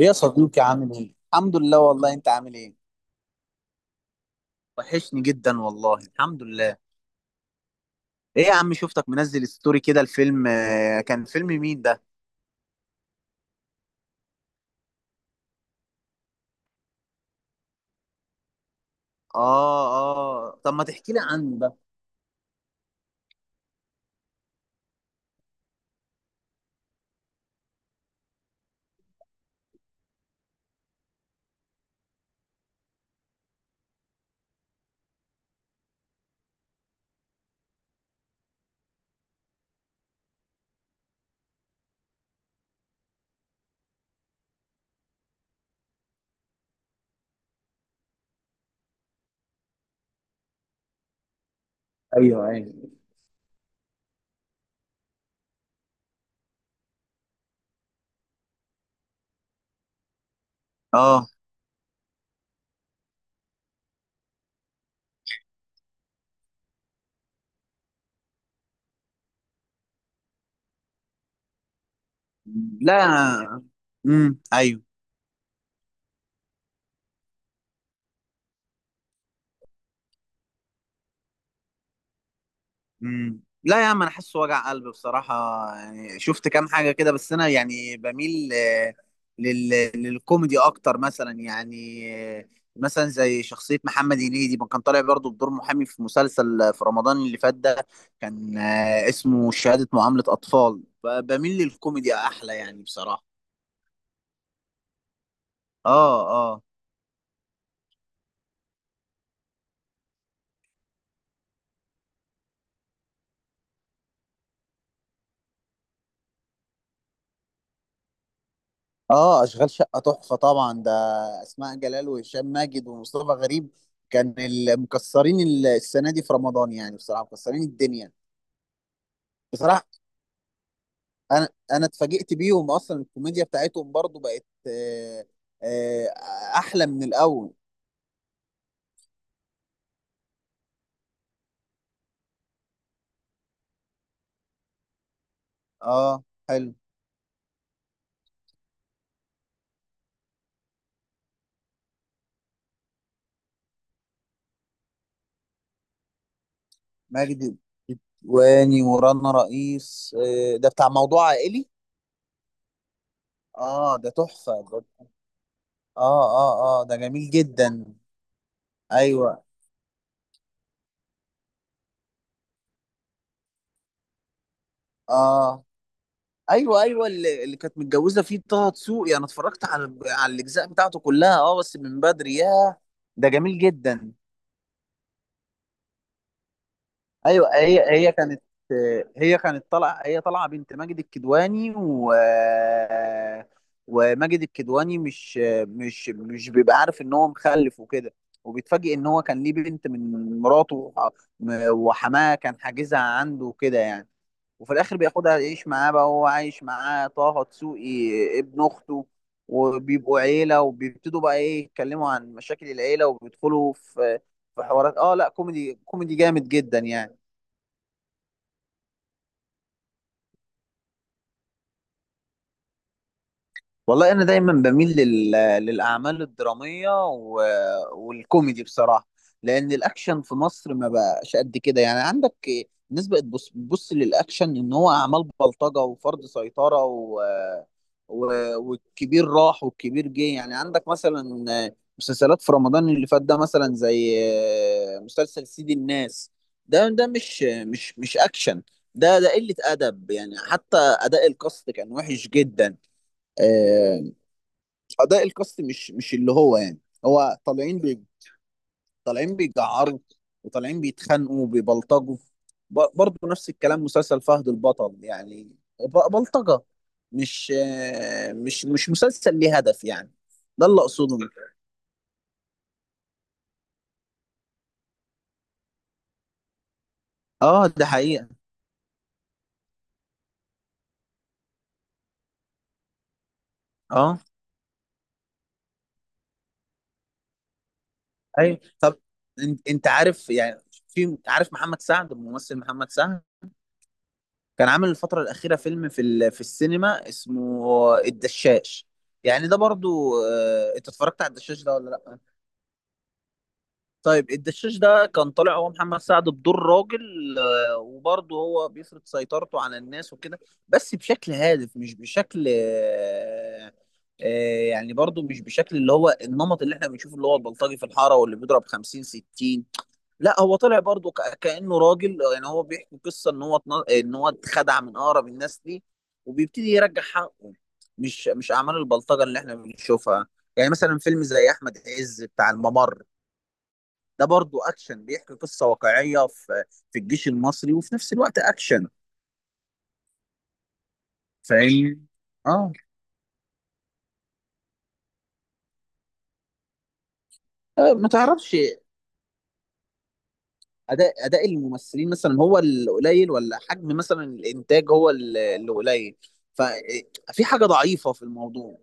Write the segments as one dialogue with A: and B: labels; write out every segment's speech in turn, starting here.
A: ايه يا صديقي، عامل ايه؟ الحمد لله والله. انت عامل ايه؟ وحشني جدا والله، الحمد لله. ايه يا عم، شفتك منزل ستوري كده الفيلم، كان فيلم مين ده؟ اه، اه. طب ما تحكي لي عنه ده. ايوه، ايوه. اه. لا. ايوه. لا يا عم، انا حاسه وجع قلب بصراحه. يعني شفت كام حاجه كده، بس انا يعني بميل لل... للكوميدي اكتر مثلا يعني. آه، مثلا زي شخصيه محمد هنيدي، ما كان طالع برضه بدور محامي في مسلسل في رمضان اللي فات ده. كان اسمه شهاده معامله اطفال. بميل للكوميدي احلى يعني بصراحه. اه، اه، اه، اشغال شقه تحفه طبعا ده. اسماء جلال وهشام ماجد ومصطفى غريب كان مكسرين السنه دي في رمضان، يعني بصراحه مكسرين الدنيا بصراحه. انا اتفاجئت بيهم اصلا، الكوميديا بتاعتهم برضو بقت آه، احلى من الاول. اه، حلو. ماجد الكدواني ورانا رئيس، ده بتاع موضوع عائلي. اه، ده تحفه اه، اه، اه، ده جميل جدا. ايوه. اه. ايوه، ايوه، اللي كانت متجوزه فيه طه دسوقي، انا اتفرجت على الاجزاء بتاعته كلها، اه، بس من بدري يا. ده جميل جدا. ايوه، هي كانت، هي كانت طالعه هي طالعه بنت ماجد الكدواني، وماجد الكدواني مش بيبقى عارف ان هو مخلف وكده، وبيتفاجئ ان هو كان ليه بنت من مراته وحماه كان حاجزها عنده وكده يعني. وفي الاخر بياخدها يعيش معاه، بقى هو عايش معاه طه دسوقي ابن اخته، وبيبقوا عيله وبيبتدوا بقى ايه يتكلموا عن مشاكل العيله، وبيدخلوا في حوارات. اه. لا، كوميدي كوميدي جامد جدا يعني. والله انا دايما بميل للاعمال الدراميه والكوميدي بصراحه، لان الاكشن في مصر ما بقاش قد كده. يعني عندك الناس بقت بص للاكشن ان هو اعمال بلطجه وفرض سيطره و... والكبير راح والكبير جه. يعني عندك مثلا مسلسلات في رمضان اللي فات ده مثلا زي مسلسل سيد الناس، ده مش مش اكشن، ده قله ادب يعني، حتى اداء الكاست كان وحش جدا. آه، اداء الكاست مش اللي هو يعني. هو طالعين طالعين بيجعروا، وطالعين بيتخانقوا وبيبلطجوا. برضه نفس الكلام مسلسل فهد البطل يعني، بلطجة. مش آه، مش مش مسلسل ليه هدف يعني. ده اللي اقصده. اه، ده حقيقة. اه، ايوه. طب انت عارف يعني، في عارف محمد سعد الممثل؟ محمد سعد كان عامل الفترة الأخيرة فيلم في السينما اسمه الدشاش. يعني ده برضو انت اتفرجت على الدشاش ده ولا لأ؟ طيب الدشاش ده كان طالع هو محمد سعد بدور راجل، وبرضه هو بيفرض سيطرته على الناس وكده، بس بشكل هادف مش بشكل يعني. برضه مش بشكل اللي هو النمط اللي احنا بنشوفه، اللي هو البلطجي في الحارة واللي بيضرب 50 60. لا، هو طلع برضه كأنه راجل، يعني هو بيحكي قصة ان هو اتخدع من اقرب الناس ليه، وبيبتدي يرجع حقه. مش اعمال البلطجة اللي احنا بنشوفها. يعني مثلا فيلم زي احمد عز بتاع الممر، ده برضه اكشن بيحكي قصة واقعية في الجيش المصري، وفي نفس الوقت اكشن. فاهمني. اه. ما تعرفش اداء الممثلين مثلا هو اللي قليل، ولا حجم مثلا الانتاج هو اللي قليل؟ ففي حاجة ضعيفة في الموضوع.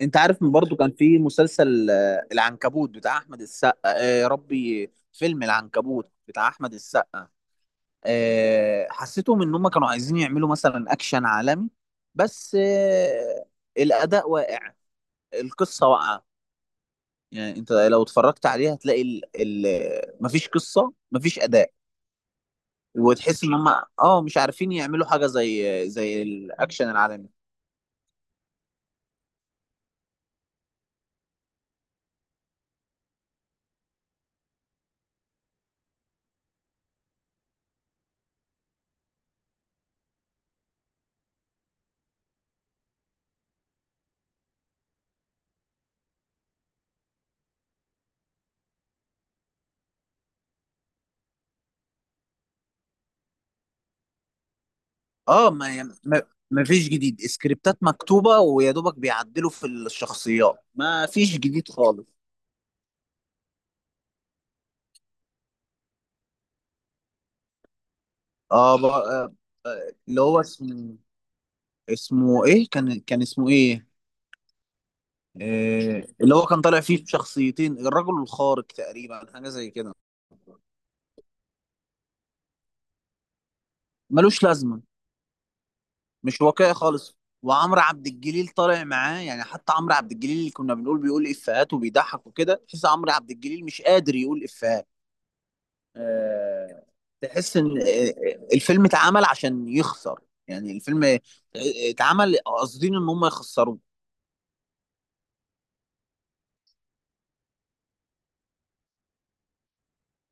A: انت عارف من برضو كان في مسلسل العنكبوت بتاع احمد السقا، يا ربي، فيلم العنكبوت بتاع احمد السقا. حسيتهم ان هم كانوا عايزين يعملوا مثلا اكشن عالمي، بس الاداء واقع، القصه واقعه. يعني انت لو اتفرجت عليها هتلاقي ال ال مفيش قصه، مفيش اداء، وتحس ان هم، اه مش عارفين يعملوا حاجه زي زي الاكشن العالمي. اه، ما يعني، ما فيش جديد. سكريبتات مكتوبة ويا دوبك بيعدلوا في الشخصيات، ما فيش جديد خالص. اه. اللي هو اسمه ايه؟ كان اسمه ايه؟ اللي هو كان طالع فيه بشخصيتين، الرجل الخارق تقريبا، حاجة زي كده. ملوش لازمة، مش واقعي خالص. وعمرو عبد الجليل طالع معاه يعني، حتى عمرو عبد الجليل اللي كنا بنقول بيقول افيهات وبيضحك وكده، تحس عمرو عبد الجليل مش قادر يقول افيهات. آه، تحس ان الفيلم اتعمل عشان يخسر. يعني الفيلم اتعمل قاصدين ان هم يخسروه.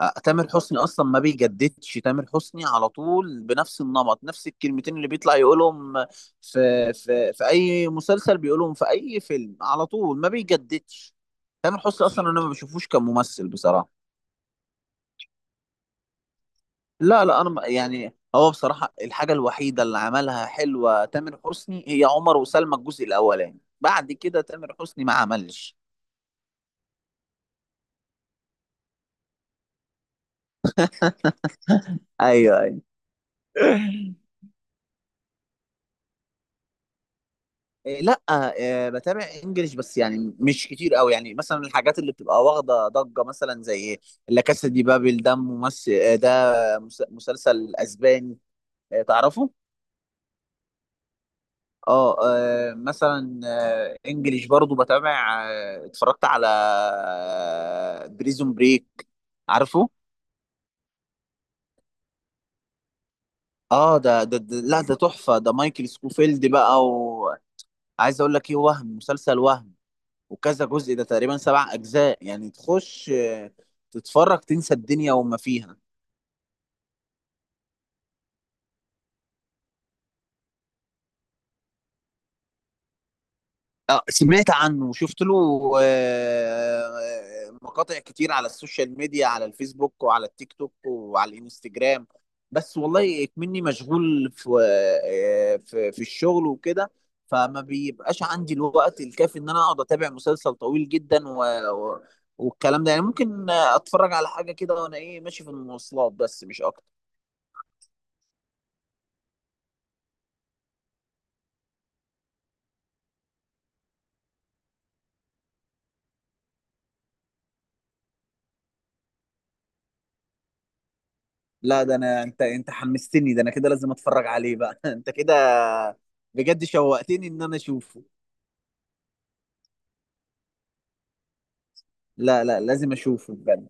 A: تامر حسني اصلا ما بيجددش، تامر حسني على طول بنفس النمط، نفس الكلمتين اللي بيطلع يقولهم في اي مسلسل بيقولهم في اي فيلم، على طول ما بيجددش. تامر حسني اصلا انا ما بشوفوش كممثل بصراحة. لا، لا، انا يعني هو بصراحة الحاجة الوحيدة اللي عملها حلوة تامر حسني هي عمر وسلمى الجزء الاولاني، بعد كده تامر حسني ما عملش. ايوه، ايوه. إيه، لا، بتابع انجليش بس يعني مش كتير قوي. يعني مثلا الحاجات اللي بتبقى واخدة ضجة، مثلا زي لا كاسا دي بابل، ده ممثل، ده مسلسل اسباني. تعرفه؟ اه. مثلا انجليش برضو بتابع. اتفرجت على بريزون بريك، عارفه؟ اه، ده، لا ده تحفة، ده مايكل سكوفيلد بقى. وعايز اقول لك ايه، وهم مسلسل، وهم وكذا جزء، ده تقريبا 7 اجزاء يعني. تخش تتفرج، تنسى الدنيا وما فيها. اه، سمعت عنه وشفت له مقاطع كتير على السوشيال ميديا، على الفيسبوك وعلى التيك توك وعلى الانستجرام. بس والله اكمني مشغول في آه، في في الشغل وكده، فما بيبقاش عندي الوقت الكافي ان انا اقعد اتابع مسلسل طويل جدا و... والكلام ده يعني. ممكن اتفرج على حاجة كده وانا ايه ماشي في المواصلات، بس مش اكتر. لا ده انا، انت حمستني. ده انا كده لازم اتفرج عليه بقى. انت كده بجد شوقتني ان انا اشوفه. لا، لا، لازم اشوفه بجد.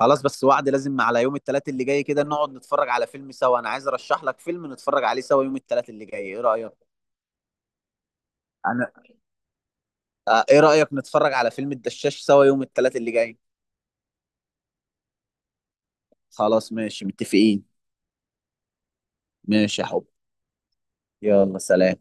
A: خلاص، بس وعد لازم على يوم الثلاث اللي جاي كده نقعد نتفرج على فيلم سوا. انا عايز ارشح لك فيلم نتفرج عليه سوا يوم الثلاث اللي جاي، ايه رأيك؟ انا ايه رأيك نتفرج على فيلم الدشاش سوا يوم الثلاث اللي جاي؟ خلاص، ماشي، متفقين. ماشي يا حب. يلا، سلام.